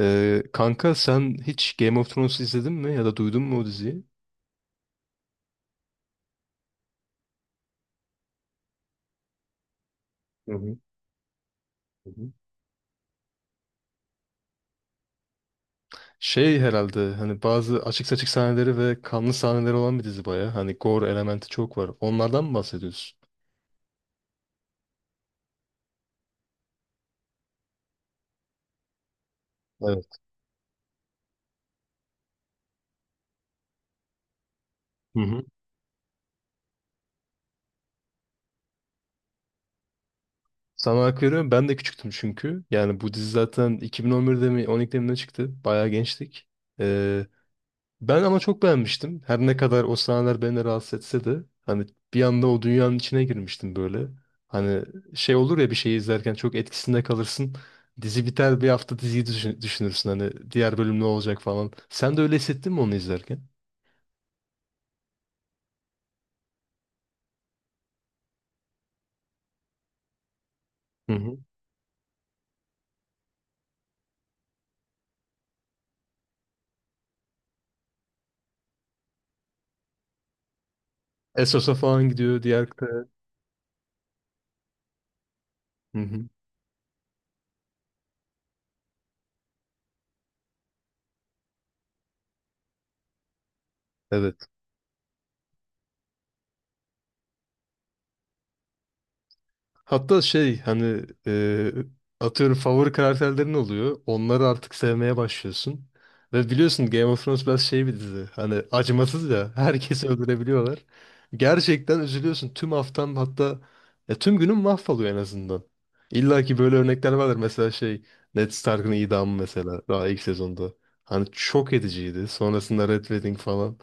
Kanka sen hiç Game of Thrones izledin mi ya da duydun mu o diziyi? Hı hı. Hı hı. Şey herhalde hani bazı açık saçık sahneleri ve kanlı sahneleri olan bir dizi baya. Hani gore elementi çok var. Onlardan mı bahsediyorsun? Evet. Hı hı. Sana hak veriyorum. Ben de küçüktüm çünkü. Yani bu dizi zaten 2011'de mi 12'de mi ne çıktı? Bayağı gençtik. Ben ama çok beğenmiştim. Her ne kadar o sahneler beni rahatsız etse de hani bir anda o dünyanın içine girmiştim böyle. Hani şey olur ya bir şeyi izlerken çok etkisinde kalırsın. Dizi biter bir hafta diziyi düşünürsün hani diğer bölüm ne olacak falan. Sen de öyle hissettin mi onu izlerken? Hı hı. Essos'a falan gidiyor diğer kıta. Hı hı. Evet. Hatta şey hani atıyorum favori karakterlerin oluyor. Onları artık sevmeye başlıyorsun. Ve biliyorsun Game of Thrones biraz şey bir dizi. Hani acımasız ya. Herkesi öldürebiliyorlar. Gerçekten üzülüyorsun. Tüm haftan hatta ya tüm günün mahvoluyor en azından. İlla ki böyle örnekler vardır. Mesela şey Ned Stark'ın idamı mesela daha ilk sezonda. Hani çok ediciydi. Sonrasında Red Wedding falan.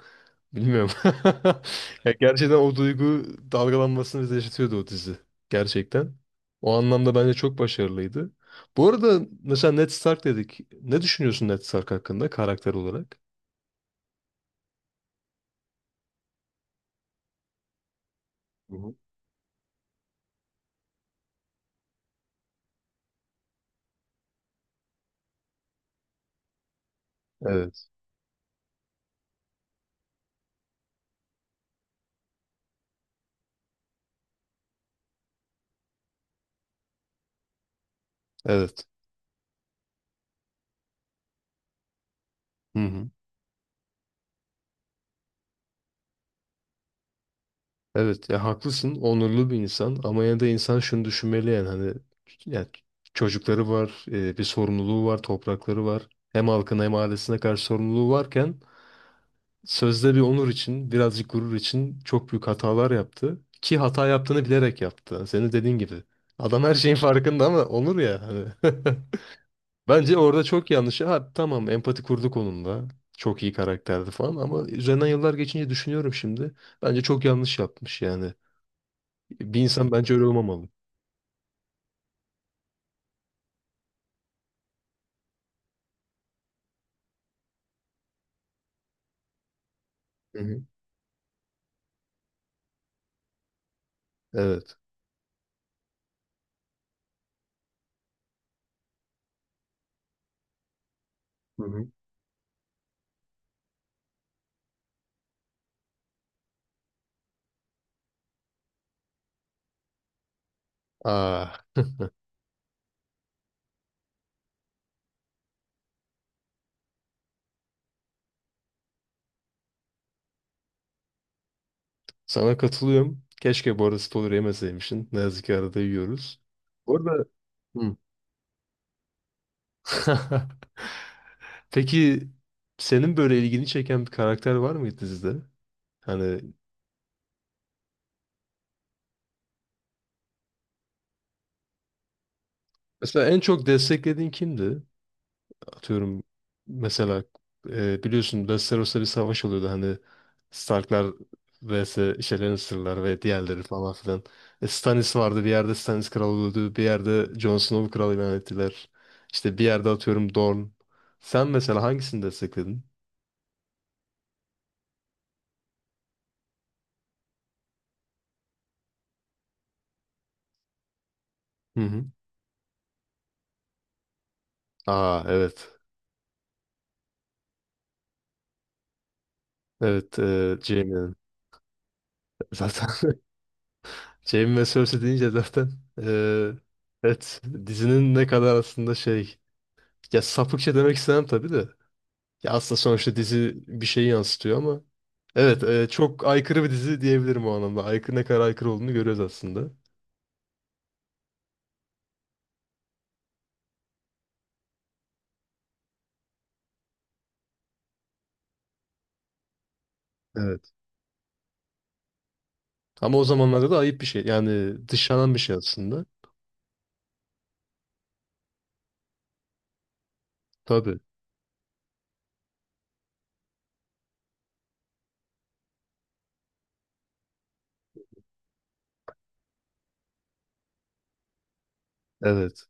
Bilmiyorum. Ya gerçekten o duygu dalgalanmasını bize yaşatıyordu o dizi. Gerçekten. O anlamda bence çok başarılıydı. Bu arada mesela Ned Stark dedik. Ne düşünüyorsun Ned Stark hakkında karakter olarak? Hı hı. Evet. Evet. Hı hı. Evet ya haklısın. Onurlu bir insan ama yine de insan şunu düşünmeli yani hani yani çocukları var, bir sorumluluğu var, toprakları var. Hem halkına hem ailesine karşı sorumluluğu varken sözde bir onur için, birazcık gurur için çok büyük hatalar yaptı. Ki hata yaptığını bilerek yaptı. Senin dediğin gibi. Adam her şeyin farkında ama onur ya hani. Bence orada çok yanlış. Ha tamam empati kurduk onunla. Çok iyi karakterdi falan ama üzerinden yıllar geçince düşünüyorum şimdi. Bence çok yanlış yapmış yani. Bir insan bence öyle olmamalı. Hı hı. Evet. Hı hı. Aa, sana katılıyorum. Keşke bu arada spoiler yemeseymişsin. Ne yazık ki arada yiyoruz. Bu arada... Hı. Peki senin böyle ilgini çeken bir karakter var mıydı dizide? Hani mesela en çok desteklediğin kimdi? Atıyorum mesela biliyorsun Westeros'ta bir savaş oluyordu hani Starklar vs. işte Lannister'lar ve diğerleri falan filan. E, Stannis vardı bir yerde Stannis kral öldü bir yerde Jon Snow kral ilan ettiler. İşte bir yerde atıyorum Dorne. Sen mesela hangisini destekledin? Hı hı. Aa evet. Evet Jaime'nin zaten. Jamie ve Cersei deyince zaten eee, evet dizinin ne kadar aslında şey ya sapıkça demek istemem tabii de ya aslında sonuçta dizi bir şeyi yansıtıyor ama evet çok aykırı bir dizi diyebilirim o anlamda. Aykırı ne kadar aykırı olduğunu görüyoruz aslında. Evet. Ama o zamanlarda da ayıp bir şey. Yani dışlanan bir şey aslında. Tabii. Evet.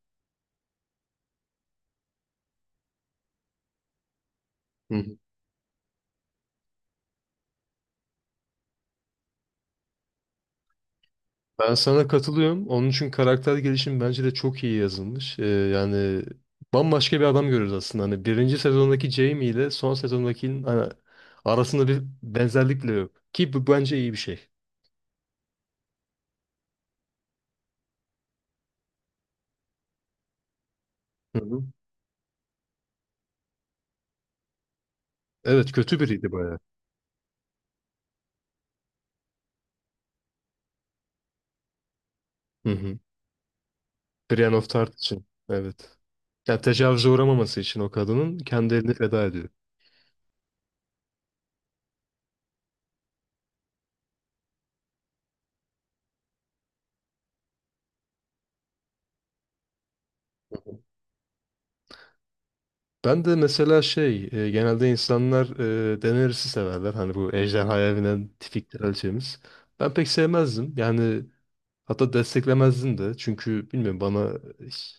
Hı. Ben sana katılıyorum. Onun için karakter gelişimi bence de çok iyi yazılmış. Yani bambaşka bir adam görüyoruz aslında. Hani birinci sezondaki Jamie ile son sezondakinin hani arasında bir benzerlik bile yok. Ki bu bence iyi bir şey. Hı hı. Evet kötü biriydi bayağı. Hı hı. Brienne of Tarth için. Evet. Yani tecavüze uğramaması için o kadının kendi elini feda ediyor. Ben de mesela şey, genelde insanlar Daenerys'i severler. Hani bu ejderhaya binen tipik kraliçemiz. Ben pek sevmezdim. Yani hatta desteklemezdim de. Çünkü bilmiyorum bana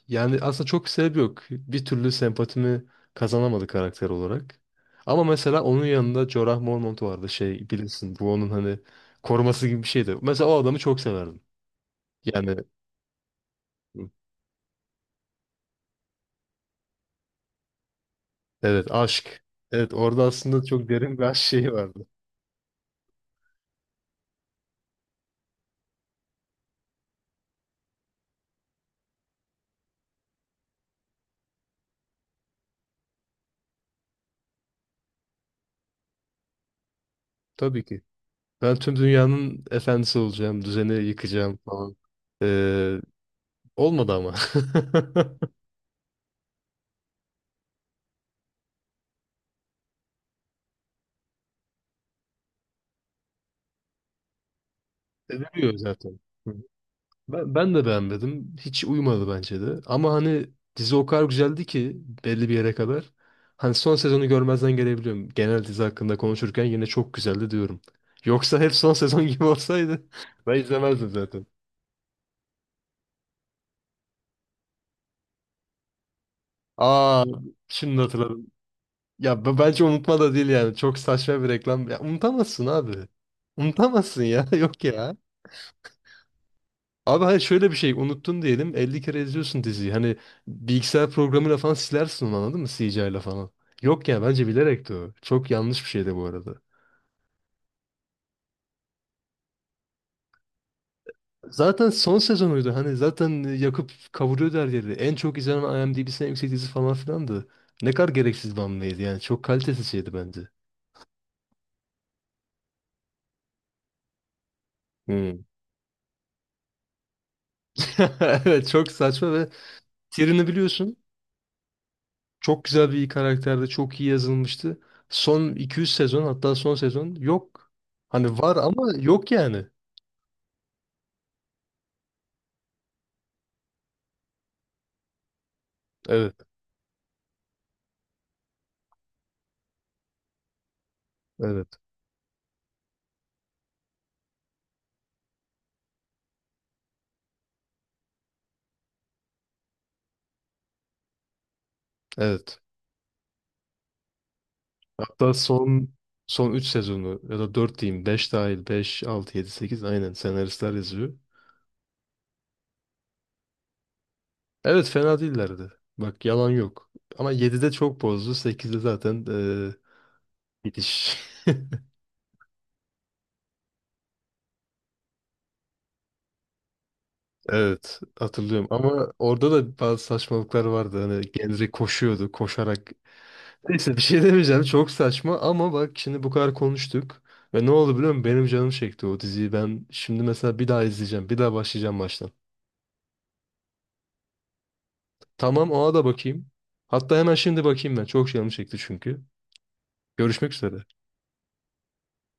yani aslında çok sebep yok. Bir türlü sempatimi kazanamadı karakter olarak. Ama mesela onun yanında Jorah Mormont vardı şey bilirsin bu onun hani koruması gibi bir şeydi. Mesela o adamı çok severdim. Yani evet aşk. Evet orada aslında çok derin bir aşk şeyi vardı. Tabii ki. Ben tüm dünyanın efendisi olacağım, düzeni yıkacağım falan. Ee, Olmadı ama. Ediliyor zaten. Hı. Ben de beğenmedim. Hiç uymadı bence de. Ama hani dizi o kadar güzeldi ki belli bir yere kadar. Hani son sezonu görmezden gelebiliyorum. Genel dizi hakkında konuşurken yine çok güzeldi diyorum. Yoksa hep son sezon gibi olsaydı ben izlemezdim zaten. Aa şimdi hatırladım. Ya bence unutma da değil yani. Çok saçma bir reklam. Ya unutamazsın abi. Unutamazsın ya. Yok ya. Abi hayır şöyle bir şey unuttun diyelim 50 kere izliyorsun diziyi. Hani bilgisayar programıyla falan silersin onu anladın mı? CGI ile falan. Yok ya bence bilerekti o. Çok yanlış bir şeydi bu arada. Zaten son sezonuydu. Hani zaten yakıp kavuruyordu her yeri. En çok izlenen IMDb'si en yüksek dizi falan filandı. Ne kadar gereksiz bir hamleydi yani. Çok kalitesiz şeydi bence. Hmm. Evet çok saçma ve Tyrion'u biliyorsun. Çok güzel bir karakterdi. Çok iyi yazılmıştı. Son 200 sezon hatta son sezon yok. Hani var ama yok yani. Evet, evet, evet. Hatta son 3 sezonu ya da 4 diyeyim 5 dahil 5 6 7 8 aynen senaristler yazıyor. Evet fena değillerdi. Bak yalan yok. Ama 7'de çok bozdu. 8'de zaten bitiş. Evet hatırlıyorum. Ama orada da bazı saçmalıklar vardı. Hani Gendry koşuyordu koşarak. Neyse bir şey demeyeceğim. Çok saçma ama bak şimdi bu kadar konuştuk. Ve ne oldu biliyor musun? Benim canım çekti o diziyi. Ben şimdi mesela bir daha izleyeceğim. Bir daha başlayacağım baştan. Tamam ona da bakayım. Hatta hemen şimdi bakayım ben. Çok canım çekti çünkü. Görüşmek üzere.